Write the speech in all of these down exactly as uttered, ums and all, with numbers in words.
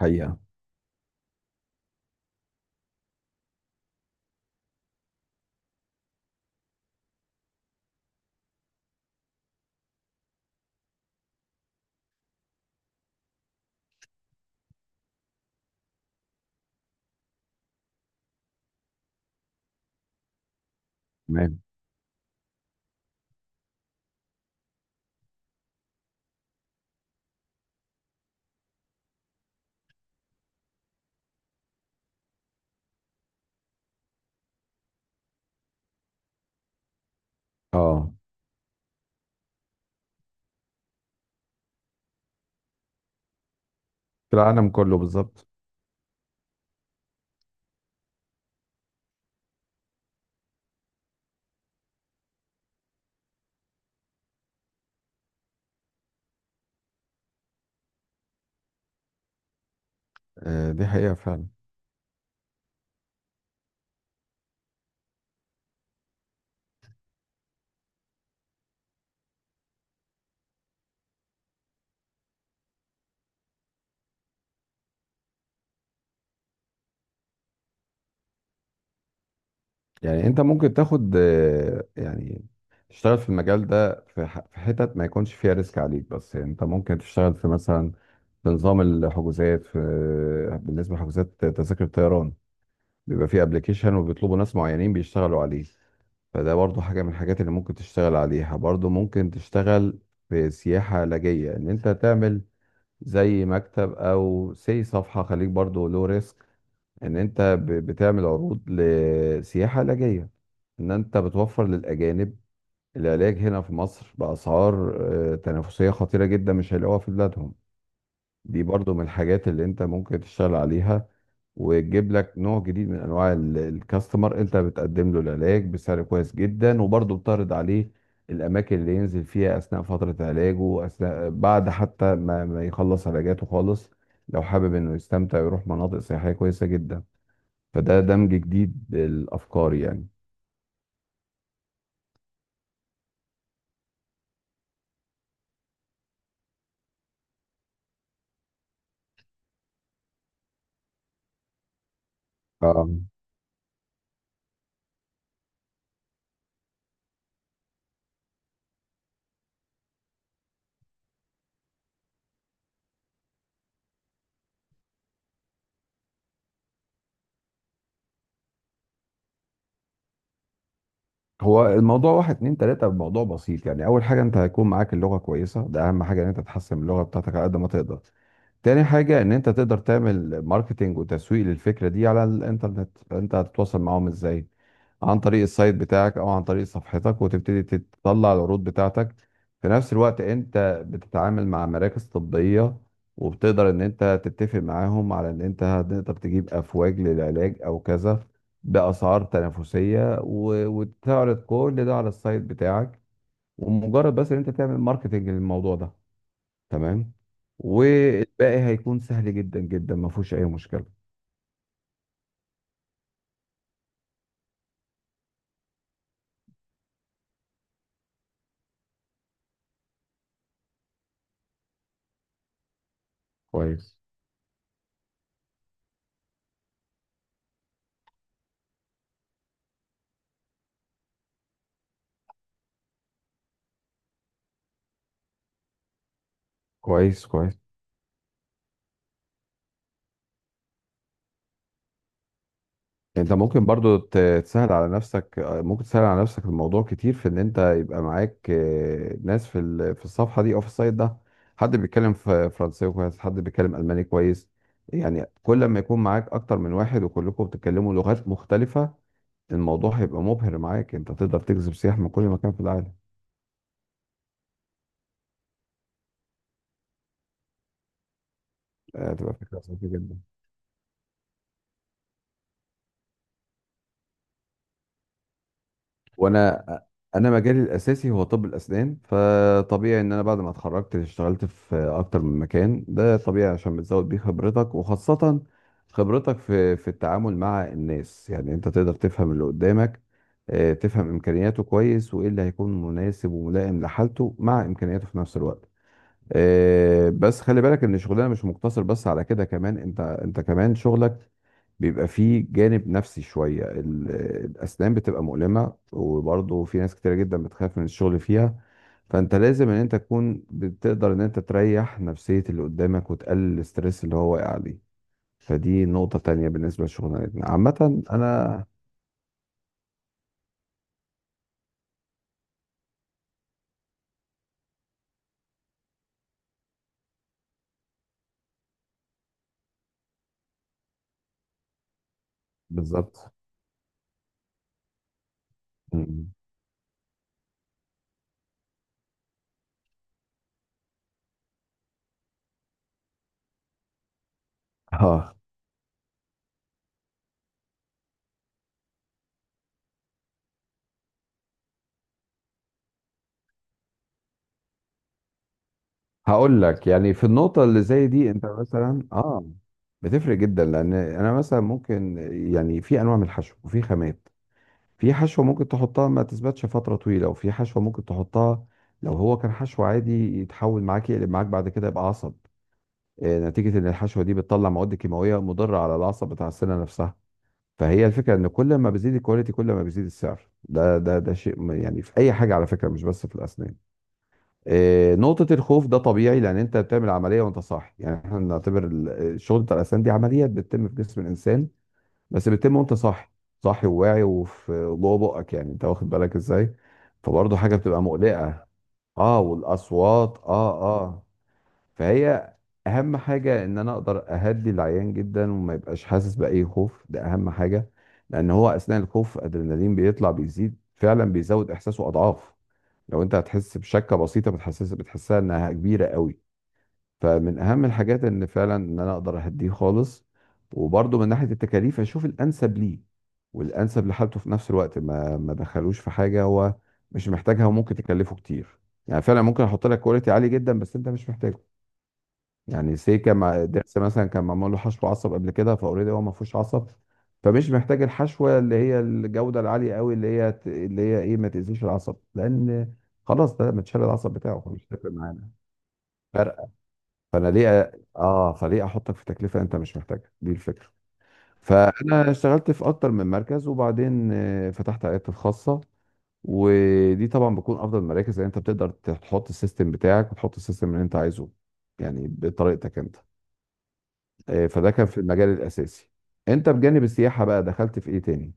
حقيقة. تمام. اه، في العالم كله بالظبط. آه دي حقيقة فعلا. يعني انت ممكن تاخد آه يعني تشتغل في المجال ده في ح- في حتت ما يكونش فيها ريسك عليك، بس يعني انت ممكن تشتغل في مثلا في نظام الحجوزات، في بالنسبة لحجوزات تذاكر الطيران بيبقى فيه ابلكيشن وبيطلبوا ناس معينين بيشتغلوا عليه. فده برضو حاجة من الحاجات اللي ممكن تشتغل عليها. برضو ممكن تشتغل في سياحة علاجية ان انت تعمل زي مكتب او سي صفحة، خليك برضو لو ريسك، ان انت ب- بتعمل عروض لسياحة علاجية، ان انت بتوفر للاجانب العلاج هنا في مصر باسعار آه، تنافسية خطيرة جدا مش هيلاقوها في بلادهم. دي برضو من الحاجات اللي انت ممكن تشتغل عليها وتجيب لك نوع جديد من انواع ال- الكاستمر. انت بتقدم له العلاج بسعر كويس جدا وبرضو بتعرض عليه الاماكن اللي ينزل فيها اثناء فترة علاجه، اثناء بعد حتى ما ما يخلص علاجاته خالص، لو حابب انه يستمتع ويروح مناطق سياحية كويسة جدا. فده دمج جديد للافكار يعني. آه. هو الموضوع واحد اتنين تلاتة، الموضوع بسيط يعني. أول حاجة أنت هيكون معاك اللغة كويسة، ده أهم حاجة، إن أنت تحسن من اللغة بتاعتك على قد ما تقدر. تاني حاجة إن أنت تقدر تعمل ماركتينج وتسويق للفكرة دي على الإنترنت. أنت هتتواصل معاهم إزاي؟ عن طريق السايت بتاعك او عن طريق صفحتك، وتبتدي تطلع العروض بتاعتك. في نفس الوقت انت بتتعامل مع مراكز طبية وبتقدر ان انت تتفق معاهم على ان انت هتقدر تجيب افواج للعلاج او كذا باسعار تنافسية، و- وتعرض كل ده على السايت بتاعك. ومجرد بس ان انت تعمل ماركتنج للموضوع ده، تمام، والباقي هيكون سهل جدا جدا، ما فيهوش اي مشكلة. كويس كويس كويس انت ممكن برضو ت- تسهل على نفسك، ممكن تسهل على نفسك الموضوع كتير في ان انت يبقى معاك آه، ناس في ال- في الصفحه دي او في السايت ده، حد بيتكلم ف- فرنساوي كويس، حد بيتكلم الماني كويس. يعني كل ما يكون معاك اكتر من واحد وكلكم بتتكلموا لغات مختلفه، الموضوع هيبقى مبهر معاك، انت تقدر تجذب سياح من كل مكان في العالم. آه، تبقى فكره لطيفه جدا. وانا انا مجالي الاساسي هو طب الاسنان، فطبيعي ان انا بعد ما اتخرجت اشتغلت في اكتر من مكان، ده طبيعي عشان بتزود بيه خبرتك، وخاصة خبرتك في في التعامل مع الناس. يعني انت تقدر تفهم اللي قدامك، آه، تفهم امكانياته كويس، وايه اللي هيكون مناسب وملائم لحالته مع امكانياته في نفس الوقت. آه، بس خلي بالك ان شغلنا مش مقتصر بس على كده، كمان انت انت كمان شغلك بيبقى فيه جانب نفسي شوية. ال- الاسنان بتبقى مؤلمة وبرضه في ناس كتيرة جدا بتخاف من الشغل فيها، فانت لازم ان انت تكون بتقدر ان انت تريح نفسية اللي قدامك وتقلل الستريس اللي هو واقع عليه. فدي نقطة تانية بالنسبة لشغلنا عامة. انا بالظبط. مم. اه، هقول لك يعني في النقطة اللي زي دي انت مثلا اه بتفرق جدا، لان انا مثلا ممكن، يعني في انواع من الحشو وفي خامات، في حشوة ممكن تحطها ما تثبتش فترة طويلة، وفي حشوة ممكن تحطها لو هو كان حشو عادي يتحول معاك، يقلب معاك بعد كده يبقى عصب، آه، نتيجة ان الحشوة دي بتطلع مواد كيماوية مضرة على العصب بتاع السنة نفسها. فهي الفكرة ان كل ما بيزيد الكواليتي كل ما بيزيد السعر، ده ده ده شيء يعني في اي حاجة على فكرة، مش بس في الاسنان. آه، نقطة الخوف ده طبيعي، لأن أنت بتعمل عملية وأنت صاح، يعني إحنا بنعتبر ال- الشغل بتاع الأسنان دي عمليات بتتم في جسم الإنسان، بس بتتم وأنت صاحي، صاحي وواعي، وفي جوه بقك، يعني أنت واخد بالك إزاي؟ فبرضه حاجة بتبقى مقلقة. أه، والأصوات أه أه. فهي أهم حاجة إن أنا أقدر أهدي العيان جدا وما يبقاش حاسس بأي خوف، ده أهم حاجة، لأن هو أثناء الخوف أدرينالين بيطلع بيزيد فعلا، بيزود إحساسه أضعاف. لو انت هتحس بشكه بسيطه بتحسس بتحسها انها كبيره قوي. فمن اهم الحاجات ان فعلا ان انا اقدر اهديه خالص، وبرده من ناحيه التكاليف اشوف الانسب ليه والانسب لحالته في نفس الوقت، ما ما دخلوش في حاجه هو مش محتاجها وممكن تكلفه كتير. يعني فعلا ممكن احط لك كواليتي عالي جدا بس انت مش محتاجه. يعني سيكا مع درس مثلا كان معمول له حشو عصب قبل كده، فاوريدي هو ما فيهوش عصب، فمش محتاج الحشوه اللي هي الجوده العاليه قوي، اللي هي ت- اللي هي ايه، ما تاذيش العصب، لان خلاص ده متشال العصب بتاعه، فمش هتفرق معانا فرق. فانا ليه أ- اه فليه احطك في تكلفه انت مش محتاجها، دي الفكره. فانا اشتغلت في اكتر من مركز وبعدين آه، فتحت عيادتي الخاصه. ودي طبعا بتكون افضل مراكز، لان انت بتقدر تحط السيستم بتاعك وتحط السيستم اللي انت عايزه، يعني بطريقتك انت. آه، فده كان في المجال الاساسي. انت بجانب السياحه بقى دخلت في ايه تاني؟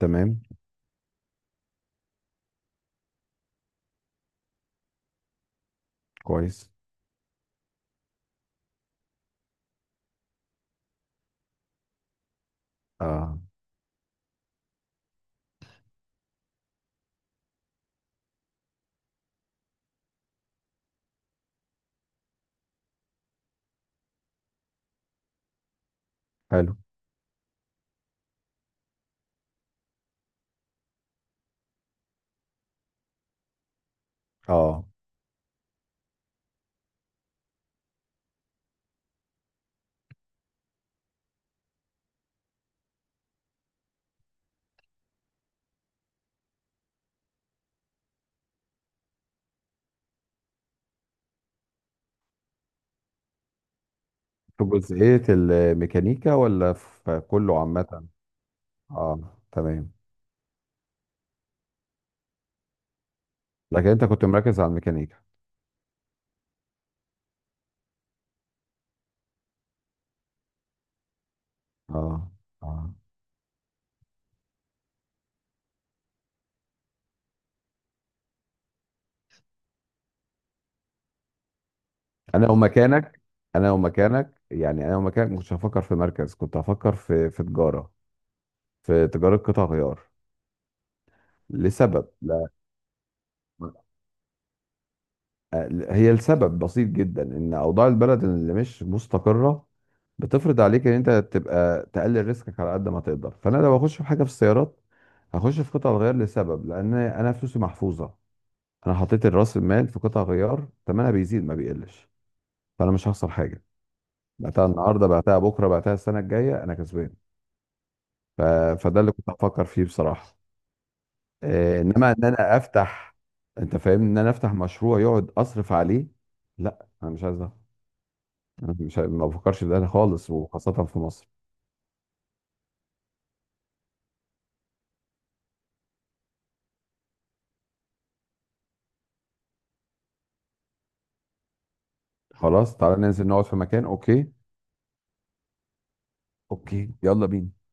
تمام. كويس. اه، حلو. اه، في جزئيه الميكانيكا ولا في كله عامه؟ اه تمام. لكن انت كنت مركز على الميكانيكا. اه. اه. انا ومكانك، انا ومكانك يعني انا ومكانك ما كنتش هفكر في مركز، كنت هفكر في في تجاره، في تجاره قطع غيار، لسبب. لا، هي السبب بسيط جدا، ان اوضاع البلد اللي مش مستقره بتفرض عليك ان انت تبقى تقلل ريسكك على قد ما تقدر. فانا لو اخش في حاجه في السيارات هخش في قطع الغيار، لسبب لان انا فلوسي محفوظه. انا حطيت راس المال في قطع غيار ثمنها بيزيد ما بيقلش، فانا مش هخسر حاجه. بعتها النهارده بعتها بكره بعتها السنه الجايه انا كسبان. ف... فده اللي كنت بفكر فيه بصراحه. إيه، انما ان انا افتح، انت فاهمني ان انا افتح مشروع يقعد اصرف عليه؟ لا انا مش عايز ده، أنا مش ما بفكرش في ده خالص، وخاصة في مصر. خلاص تعالى ننزل نقعد في مكان، اوكي. اوكي يلا بينا.